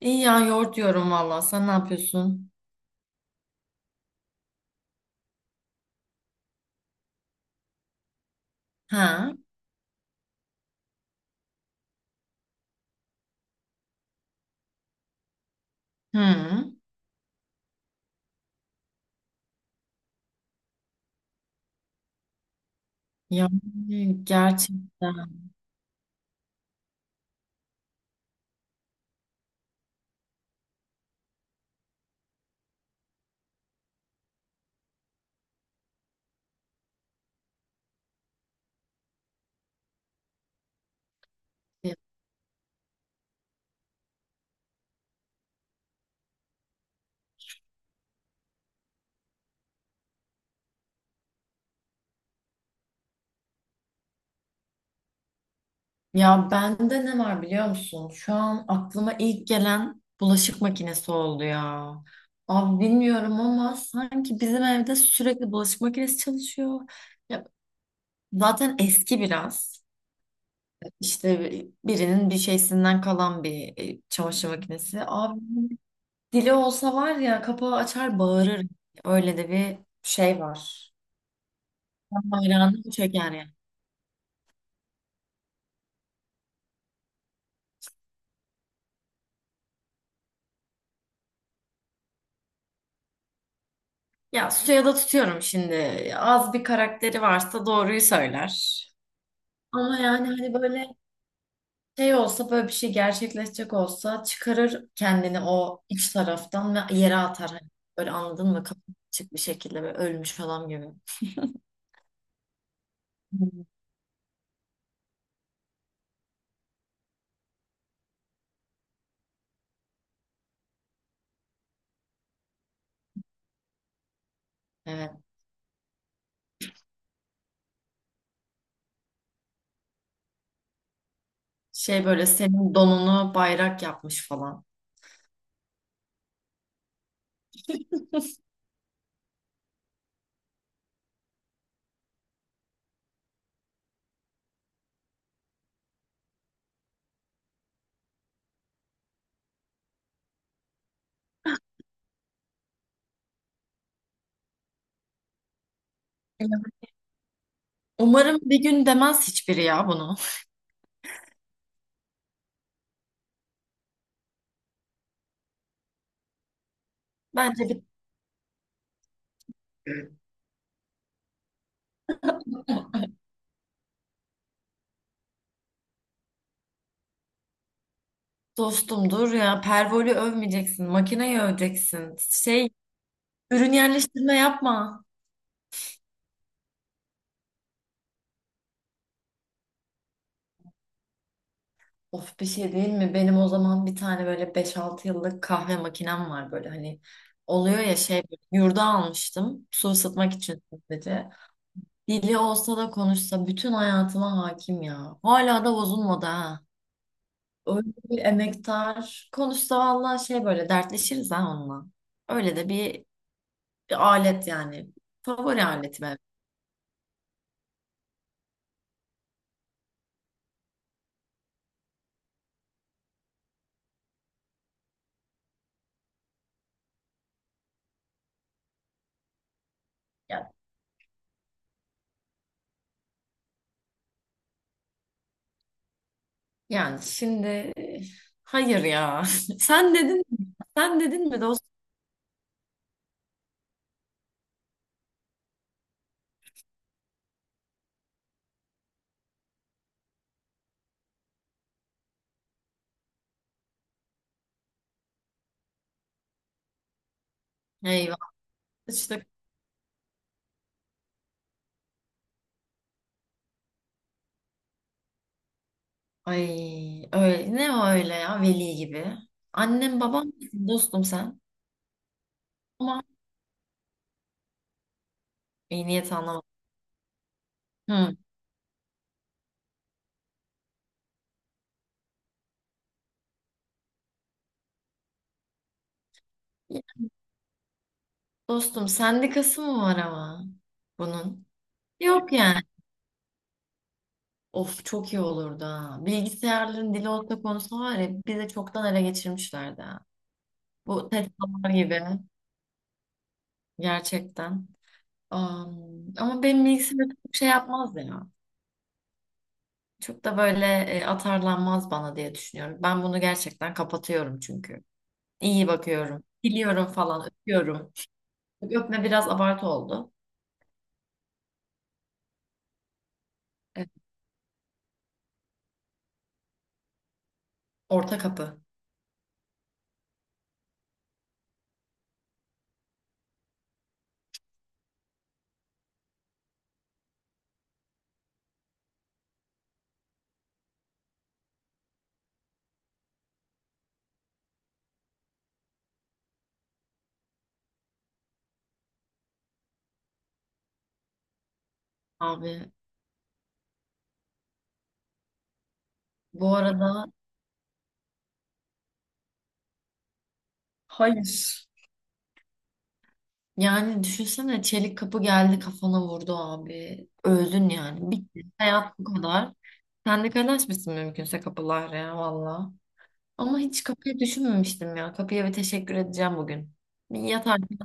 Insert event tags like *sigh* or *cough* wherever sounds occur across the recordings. İyi ya yoğurt diyorum valla. Sen ne yapıyorsun? Ha? Hı. Ya gerçekten. Ya bende ne var biliyor musun? Şu an aklıma ilk gelen bulaşık makinesi oldu ya. Abi bilmiyorum ama sanki bizim evde sürekli bulaşık makinesi çalışıyor. Ya, zaten eski biraz. İşte birinin bir şeysinden kalan bir çamaşır makinesi. Abi dili olsa var ya kapağı açar bağırır. Öyle de bir şey var. Bayrağını çöker yani. Ya suya da tutuyorum şimdi. Az bir karakteri varsa doğruyu söyler. Ama yani hani böyle şey olsa böyle bir şey gerçekleşecek olsa çıkarır kendini o iç taraftan ve yere atar. Hani böyle anladın mı? Kapı açık bir şekilde böyle ölmüş adam gibi. Hmm. Evet. Şey böyle senin donunu bayrak yapmış falan. Evet. Umarım bir gün demez hiçbiri ya bunu. Bence bir dostumdur ya. Pervoli övmeyeceksin. Makineyi öveceksin. Şey ürün yerleştirme yapma. Of bir şey değil mi? Benim o zaman bir tane böyle beş altı yıllık kahve makinem var böyle hani oluyor ya şey yurda almıştım su ısıtmak için sadece. Dili olsa da konuşsa bütün hayatıma hakim ya. Hala da bozulmadı ha. Öyle bir emektar. Konuşsa vallahi şey böyle dertleşiriz ha onunla. Öyle de bir, bir alet yani. Favori aletim evet. Yani yani şimdi hayır ya. *laughs* Sen dedin mi? Sen dedin mi? Eyvah. İşte ay öyle ne o öyle ya veli gibi. Annem babam mısın dostum sen. Ama iyi niyet anlamadım. Hı. Ya dostum sendikası mı var ama bunun? Yok yani. Of çok iyi olurdu ha. Bilgisayarların dili olsa konusu var ya bizi çoktan ele geçirmişlerdi ha. Bu TED'ler gibi gerçekten. Am, ama benim bilgisayarım çok şey yapmaz ya. Çok da böyle atarlanmaz bana diye düşünüyorum. Ben bunu gerçekten kapatıyorum çünkü. İyi bakıyorum. Biliyorum falan. Öpüyorum. Öpme biraz abartı oldu. Evet. Orta kapı. Abi bu arada hayır. Yani düşünsene çelik kapı geldi kafana vurdu abi. Öldün yani. Bitti. Hayat bu kadar. Sen de kaynaşmışsın mümkünse kapılar ya valla. Ama hiç kapıyı düşünmemiştim ya. Kapıya bir teşekkür edeceğim bugün. Bir yatarken.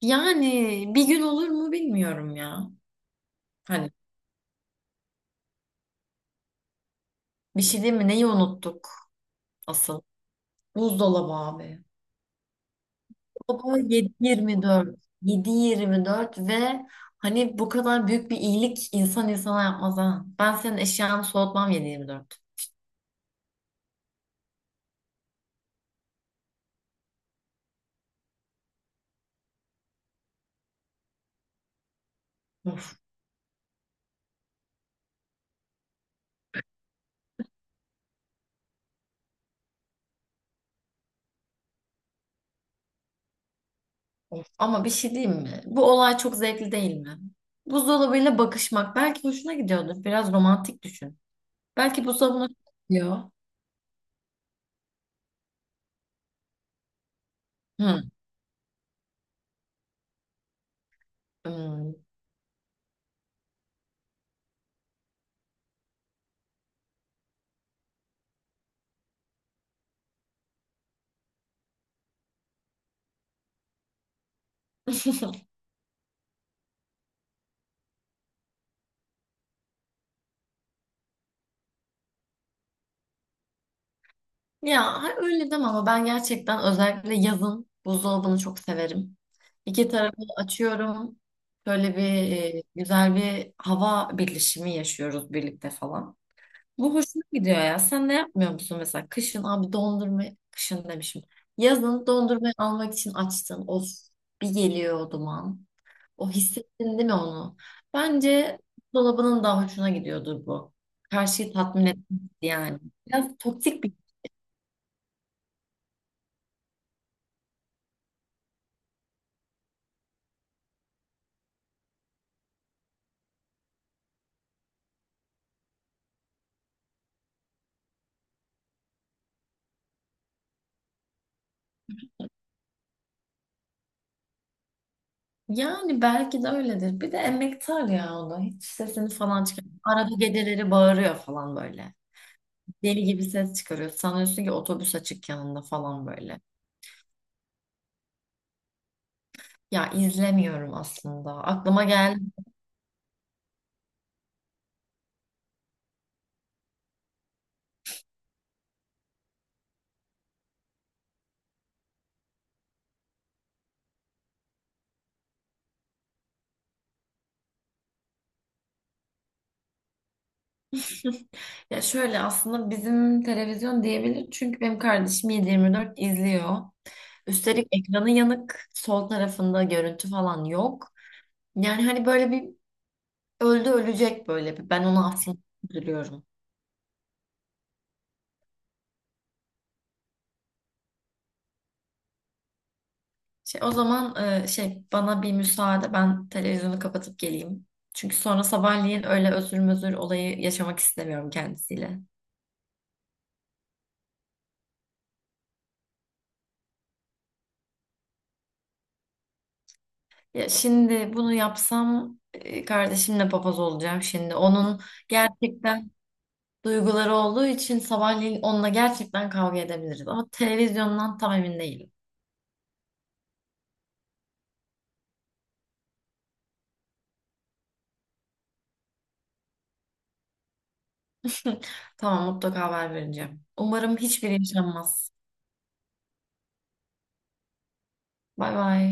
Yani bir gün olur mu bilmiyorum ya. Hani bir şey değil mi? Neyi unuttuk asıl? Buzdolabı abi. Baba 7-24. 7-24 ve hani bu kadar büyük bir iyilik insan insana yapmaz ha. Ben senin eşyanı soğutmam 7-24. Of, of. Ama bir şey diyeyim mi? Bu olay çok zevkli değil mi? Buzdolabıyla bakışmak belki hoşuna gidiyordur. Biraz romantik düşün. Belki buzdolabına gidiyor. Hı. Hmm. Ya hayır, öyle deme ama ben gerçekten özellikle yazın buzdolabını çok severim. İki tarafı açıyorum. Böyle bir güzel bir hava birleşimi yaşıyoruz birlikte falan. Bu hoşuma gidiyor ya. Sen ne yapmıyor musun mesela? Kışın abi dondurma, kışın demişim. Yazın dondurmayı almak için açtın. Of bir geliyor o duman. O hissettin değil mi onu? Bence dolabının daha hoşuna gidiyordur bu. Karşıyı tatmin etmek yani. Biraz toksik. Yani belki de öyledir. Bir de emektar ya o da. Hiç sesini falan çıkarmıyor. Arada geceleri bağırıyor falan böyle. Deli gibi ses çıkarıyor. Sanıyorsun ki otobüs açık yanında falan böyle. Ya izlemiyorum aslında. Aklıma geldi. *laughs* Ya şöyle aslında bizim televizyon diyebilir. Çünkü benim kardeşim 7/24 izliyor. Üstelik ekranı yanık. Sol tarafında görüntü falan yok. Yani hani böyle bir öldü ölecek böyle bir. Ben onu aslında üzülüyorum. Şey, o zaman şey bana bir müsaade ben televizyonu kapatıp geleyim. Çünkü sonra sabahleyin öyle özür mözür olayı yaşamak istemiyorum kendisiyle. Ya şimdi bunu yapsam kardeşimle papaz olacağım şimdi. Onun gerçekten duyguları olduğu için sabahleyin onunla gerçekten kavga edebiliriz. Ama televizyondan tam emin değilim. *laughs* Tamam mutlaka haber vereceğim. Umarım hiçbiri yaşanmaz. Bay bay.